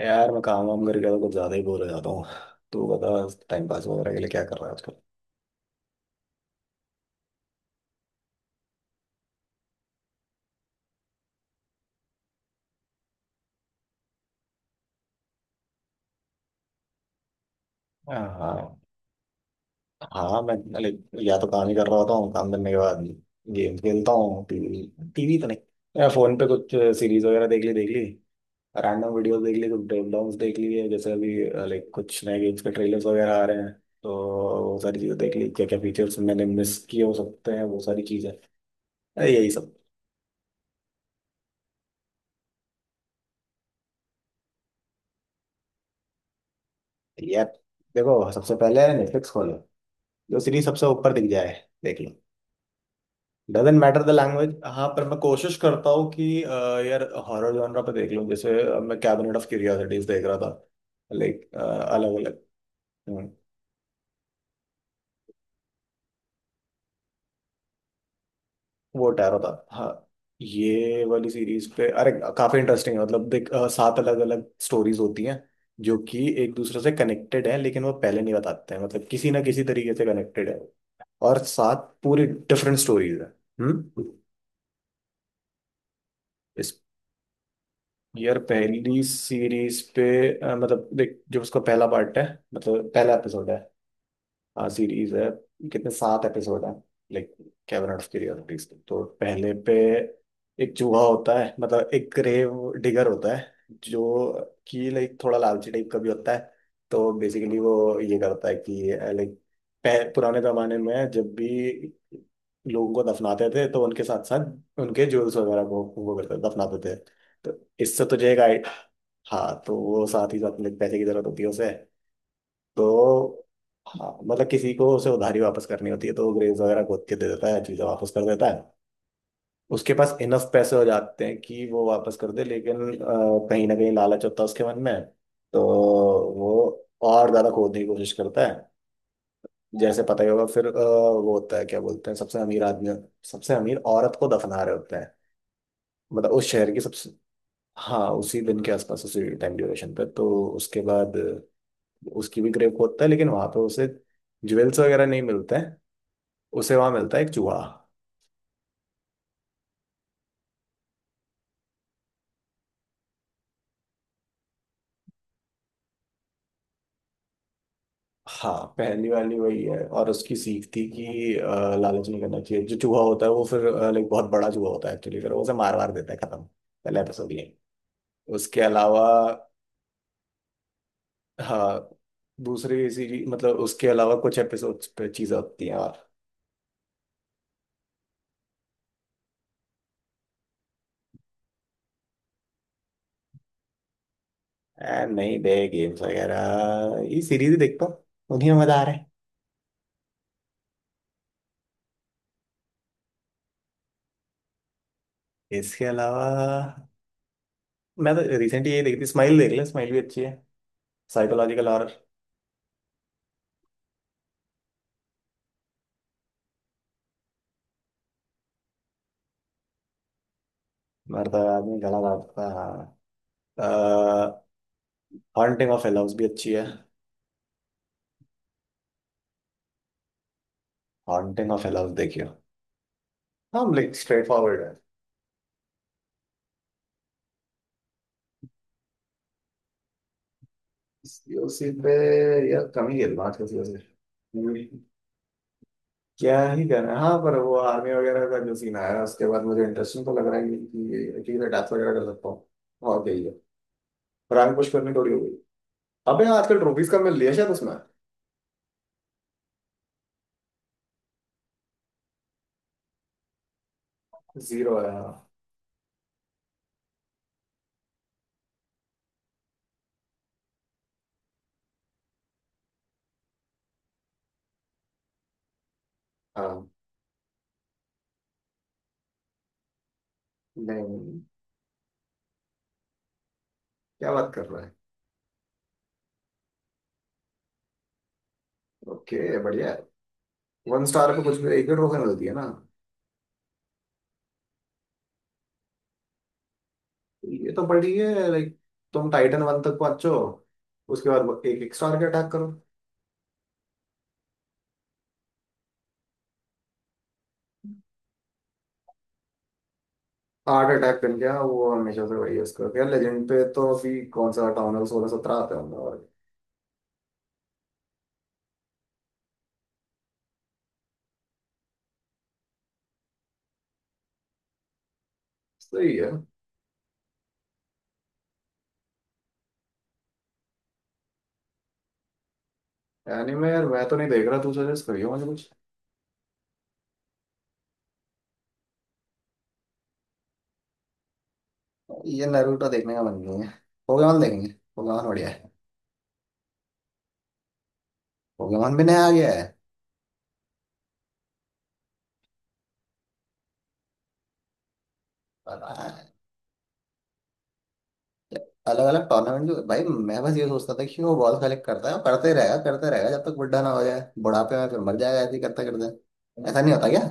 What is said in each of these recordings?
यार मैं काम वाम करके तो कुछ ज्यादा ही बोर हो जाता हूँ। तू बता। टाइम पास वगैरह के लिए क्या कर रहा है आजकल? हाँ। हाँ, मैं लाइक या तो काम ही कर रहा होता हूँ, काम करने के बाद गेम खेलता हूँ। टीवी टीवी तो नहीं, या फोन पे कुछ सीरीज वगैरह देख ली देख ली। रैंडम वीडियोस देख ली, कुछ ब्रेकडाउंस देख लिए जैसे अभी। लाइक कुछ नए गेम्स के ट्रेलर्स वगैरह आ रहे हैं तो वो सारी चीजें देख ली, क्या क्या फीचर्स मैंने मिस किए हो सकते हैं वो सारी चीजें। यही सब। यार, देखो सबसे पहले नेटफ्लिक्स खोलो, जो सीरीज सबसे ऊपर दिख जाए देख लो। Doesn't matter the language. हाँ, पर मैं कोशिश करता हूँ कि यार हॉरर जॉनरा पे देख लूँ। जैसे मैं कैबिनेट ऑफ क्यूरियोसिटीज देख रहा था, लाइक अलग अलग। वो टैरो था, हाँ। ये वाली सीरीज पे अरे काफी इंटरेस्टिंग है। मतलब देख, सात अलग अलग स्टोरीज होती हैं जो कि एक दूसरे से कनेक्टेड हैं, लेकिन वो पहले नहीं बताते हैं। मतलब किसी ना किसी तरीके से कनेक्टेड है। और सात पूरी डिफरेंट स्टोरीज है। हम्म। यार पहली सीरीज पे मतलब देख, जो उसका पहला पार्ट है, मतलब पहला एपिसोड है। हाँ सीरीज है। कितने, सात एपिसोड है, लाइक कैबिनेट ऑफ क्यूरियोसिटीज के। तो पहले पे एक चूहा होता है, मतलब एक ग्रेव डिगर होता है जो कि लाइक थोड़ा लालची टाइप का भी होता है। तो बेसिकली वो ये करता है कि लाइक पुराने जमाने में जब भी लोगों को दफनाते थे तो उनके साथ साथ उनके जूल्स वगैरह को वो करते दफनाते थे। तो इससे तुझे एक आई। हाँ, तो वो साथ ही साथ लाइक पैसे की जरूरत होती है उसे। तो हाँ, मतलब किसी को उसे उधारी वापस करनी होती है तो वो ग्रेव्स वगैरह खोद के दे देता है, चीज़ें वापस कर देता है। उसके पास इनफ पैसे हो जाते हैं कि वो वापस कर दे, लेकिन कहीं ना कहीं लालच होता है उसके मन में। तो वो और ज़्यादा खोदने की कोशिश करता है। जैसे पता ही होगा, फिर वो होता है क्या बोलते हैं, सबसे अमीर आदमी, सबसे अमीर औरत को दफना रहे होते हैं, मतलब उस शहर की सबसे। हाँ, उसी दिन के आसपास, उसी टाइम ड्यूरेशन पे। तो उसके बाद उसकी भी क्रेप होता है लेकिन वहां पे उसे ज्वेल्स वगैरह नहीं मिलते हैं। उसे वहां मिलता है एक चूहा। हाँ, पहली वाली वही है और उसकी सीख थी कि लालच नहीं करना चाहिए। जो चूहा होता है वो फिर लाइक बहुत बड़ा चूहा होता है एक्चुअली, फिर वो उसे मार मार देता है, खत्म। पहला एपिसोड ये। उसके अलावा हाँ दूसरी सीरीज, मतलब उसके अलावा कुछ एपिसोड्स पे चीजें होती हैं और। नहीं दे गेम्स वगैरह, ये सीरीज देखता हूँ, उन्हीं में मजा आ रहा है। इसके अलावा मैं तो रिसेंटली ये देखी थी, स्माइल। देख ले, स्माइल भी अच्छी है, साइकोलॉजिकल हॉरर। मरता है आदमी, गला दाबता है। हाँ। हॉन्टिंग ऑफ हिल हाउस भी अच्छी है। हॉन्टिंग ऑफ हिल हाउस देखियो। हाँ लाइक स्ट्रेट फॉरवर्ड है। सीओसी पे? यार कम ही खेलना आजकल सीओसी, क्या ही करना है। हाँ पर वो आर्मी वगैरह का जो सीन आया उसके बाद मुझे इंटरेस्टिंग तो लग रहा है कि मैं डैथ वगैरह कर सकता हूँ। और क्या ही है। रैंक पुश करनी थोड़ी हो गई। अबे आजकल ट्रॉफीज का मिल लिया शायद उसमें। जीरो है, हाँ। हाँ। नहीं, क्या बात कर रहा है। ओके, बढ़िया है। वन स्टार पे कुछ भी एक डेढ़ रोकने होती है ना। ये तो बड़ी है लाइक, तुम टाइटन वन तक पहुंचो, उसके बाद एक एक स्टार के अटैक करो। आठ अटैक कर गया वो, हमेशा से वही है उसका क्या। लेजेंड पे तो अभी कौन सा हटाऊं है, 16 17 आते होंगे और। सही है। एनीमे, यार मैं तो नहीं देख रहा, तू सजेस्ट करियो मुझे कुछ। ये नारुतो देखने का मन नहीं है। पोकेमॉन देखेंगे। पोकेमॉन बढ़िया है। पोकेमॉन भी नया आ गया है। अलग अलग टूर्नामेंट जो भाई, मैं बस ये सोचता था कि वो बॉल कलेक्ट करता है और करते ही रहेगा, करते रहेगा, जब तक बुढ़ा ना हो जाए, बुढ़ापे में फिर मर जाएगा ऐसे ही करते करते। ऐसा नहीं होता क्या?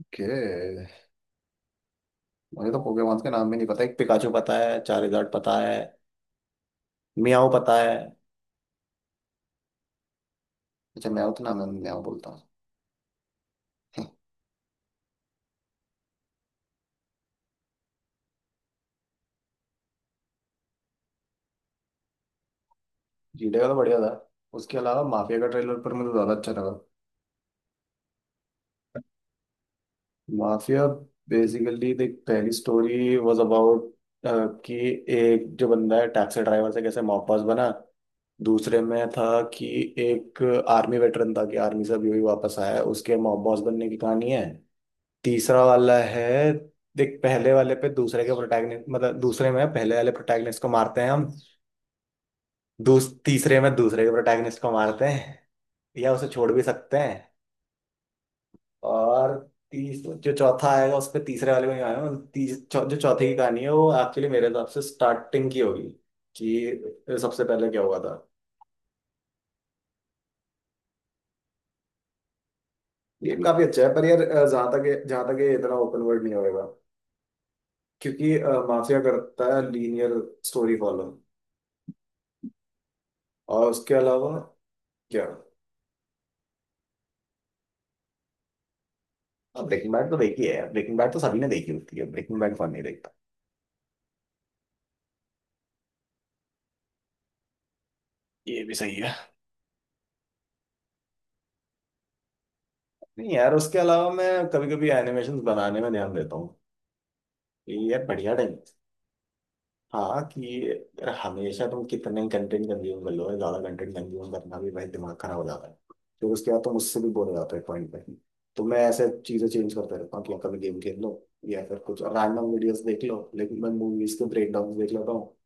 ओके। मुझे तो पोकेमॉन्स के नाम भी नहीं पता। एक पिकाचू पता है, चारिज़ार्ड पता है। मियाओ पता है। अच्छा मियाओ तो नाम है, मियाओ बोलता हूँ। जीडे का तो बढ़िया था। उसके अलावा माफिया का ट्रेलर पर मुझे तो ज्यादा अच्छा लगा। माफिया, बेसिकली देख, पहली स्टोरी वाज अबाउट कि एक जो बंदा है, टैक्सी ड्राइवर से कैसे मॉब बॉस बना। दूसरे में था कि एक आर्मी वेटरन था, कि आर्मी से अभी अभी वापस आया है, उसके मॉब बॉस बनने की कहानी है। तीसरा वाला है, देख पहले वाले पे दूसरे के प्रोटैगनिस्ट, मतलब दूसरे में पहले वाले प्रोटैगनिस्ट को मारते हैं हम। दूस तीसरे में दूसरे के प्रोटैगनिस्ट को मारते हैं, या उसे छोड़ भी सकते हैं। और तीस जो चौथा आएगा उसपे तीसरे वाले में ही आएगा। जो चौथे की कहानी है वो एक्चुअली मेरे हिसाब से स्टार्टिंग की होगी, कि सबसे पहले क्या हुआ था। गेम काफी अच्छा है पर यार जहां तक ये इतना ओपन वर्ल्ड नहीं होएगा क्योंकि माफिया करता है लीनियर स्टोरी फॉलो। और उसके अलावा क्या। ब्रेकिंग बैड तो देखी है। ब्रेकिंग बैड तो सभी ने देखी होती है, ब्रेकिंग बैड कौन नहीं देखता। ये भी सही है। नहीं यार, उसके अलावा मैं कभी कभी एनिमेशन बनाने में ध्यान देता हूँ, ये यार बढ़िया टाइम। हाँ, कि यार हमेशा तुम कितने कंटेंट कंज्यूम कर लो, ज्यादा कंटेंट कंज्यूम करना भी भाई दिमाग खराब हो जाता है। तो उसके बाद तुम उससे भी बोर हो जाते हो एक पॉइंट पे। तो मैं ऐसे चीजें चेंज करता रहता हूँ, कि कभी गेम खेल लो, या फिर कुछ रैंडम वीडियोस देख लो, लेकिन मैं मूवीज के ब्रेक डाउन देख लेता हूँ,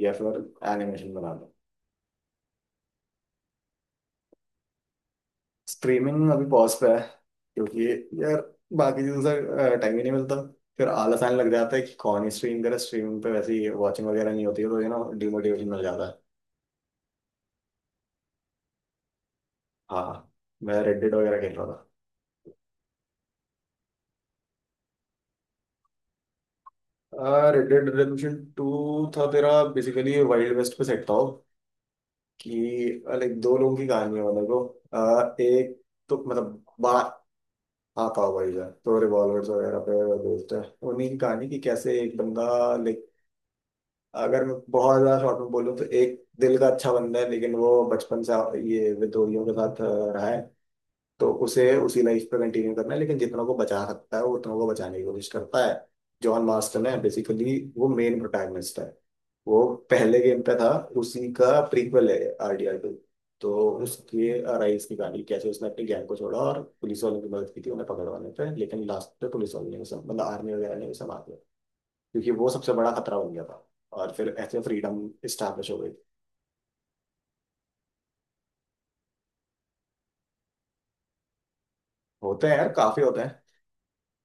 या फिर एनिमेशन बना लो। स्ट्रीमिंग अभी पॉज पे है, क्योंकि यार बाकी चीजों से टाइम ही नहीं मिलता। फिर आलस आने लग जाता है कि कौन ही स्ट्रीम करे, स्ट्रीमिंग पे वैसे ही वॉचिंग वगैरह नहीं होती है तो यू नो डिमोटिवेशन मिल जाता है। हाँ, मैं रेड डेड वगैरह खेल रहा था। रेड डेड रिडेम्पशन टू था तेरा। बेसिकली वाइल्ड वेस्ट पे सेट था वो, कि लाइक दो लोगों की कहानी है, मतलब वो एक, तो मतलब बड़ा आता हुआ ही है तो रिवॉल्वर्स वगैरह पे बेस्ड है। उन्हीं की कहानी, कि कैसे एक बंदा, लाइक, अगर मैं बहुत ज्यादा शॉर्ट में बोलूँ तो, एक दिल का अच्छा बंदा है लेकिन वो बचपन से ये विद्रोहियों के साथ रहा है। तो उसे उसी लाइफ पे कंटिन्यू करना है, लेकिन जितना को बचा सकता है वो उतना को बचाने की कोशिश करता है। जॉन मार्स्टन है बेसिकली, वो मेन प्रोटैगनिस्ट है। वो पहले गेम पे था, उसी का प्रीक्वल है RDR 2। तो उसके राइज की कहानी, कैसे उसने अपने गैंग को छोड़ा और पुलिस वालों की मदद की थी उन्हें पकड़वाने पे, लेकिन लास्ट पे पुलिस वालों ने उसे, मतलब आर्मी वगैरह ने उसे मार दिया, क्योंकि वो सबसे बड़ा खतरा बन गया था। और फिर ऐसे फ्रीडम स्टैब्लिश हो गई। होते हैं यार, काफी होते हैं।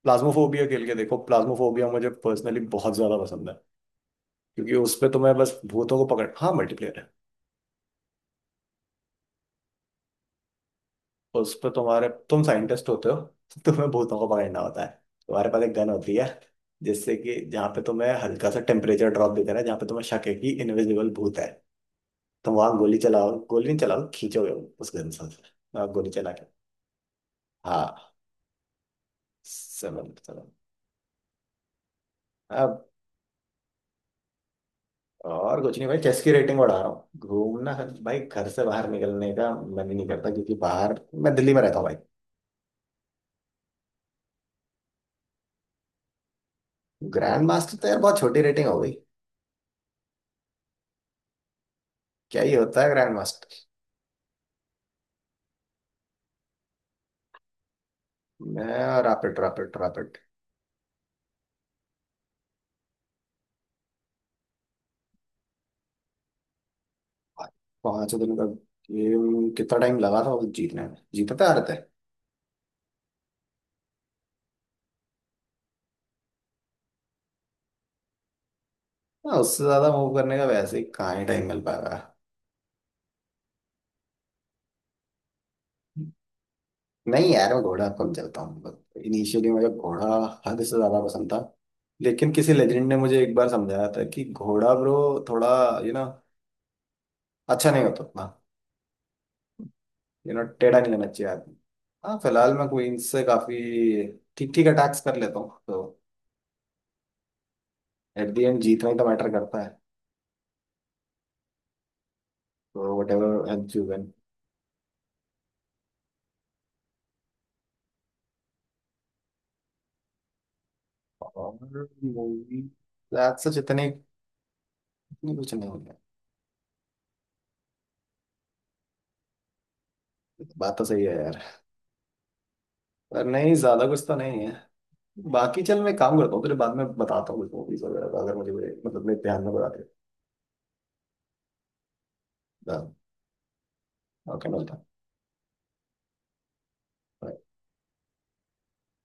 प्लाज्मोफोबिया खेल के देखो, प्लाज्मोफोबिया मुझे पर्सनली बहुत ज्यादा पसंद है, क्योंकि उस पे तुम्हें बस भूतों को पकड़। हाँ, मल्टीप्लेयर है। उस पे तुम साइंटिस्ट होते हो, तो तुम्हें भूतों को पकड़ना होता है। तुम्हारे पास एक गन होती है, जिससे कि जहाँ पे तुम्हें हल्का सा टेम्परेचर ड्रॉप दे देना है, जहाँ पे तुम्हें शक है कि इनविजिबल भूत है, तुम वहां गोली चलाओ, गोली नहीं चलाओ, खींचोगे उस गन से। आप गोली चला के। हाँ। समझ चलो। अब और कुछ नहीं भाई, चेस की रेटिंग बढ़ा रहा हूँ। घूमना, भाई घर से बाहर निकलने का मन ही नहीं करता, क्योंकि बाहर, मैं दिल्ली में रहता हूँ भाई। ग्रैंड मास्टर तो यार बहुत छोटी रेटिंग हो गई। क्या ही होता है ग्रैंड मास्टर। मैं रैपिड रैपिड रैपिड। 5 दिन का? गेम कितना टाइम लगा था उसे जीतने में, जीतते आ रहे थे। हाँ, उससे ज्यादा मूव करने का वैसे ही कहाँ ही टाइम मिल पाएगा। नहीं यार, मैं घोड़ा कम चलता हूँ। इनिशियली मुझे घोड़ा हद से ज्यादा पसंद था, लेकिन किसी लेजेंड ने मुझे एक बार समझाया था कि घोड़ा ब्रो, थोड़ा, यू नो, अच्छा नहीं होता उतना। यू नो, टेढ़ा नहीं लेना चाहिए आदमी। हाँ फिलहाल मैं क्वींस से काफी ठीक ठीक अटैक्स कर लेता हूँ, तो एट द एंड जीतना ही तो मैटर करता, or whatever else you win। और मूवी, रात से जितने इतनी कुछ नहीं है। बात तो सही है यार। पर नहीं, ज्यादा कुछ तो नहीं है। बाकी चल मैं काम करता हूँ तेरे, बाद में बताता हूँ कुछ मूवीज वगैरह का, अगर मुझे कोई- मतलब मेरे ध्यान में, बताते। ओके, मिलता हूँ।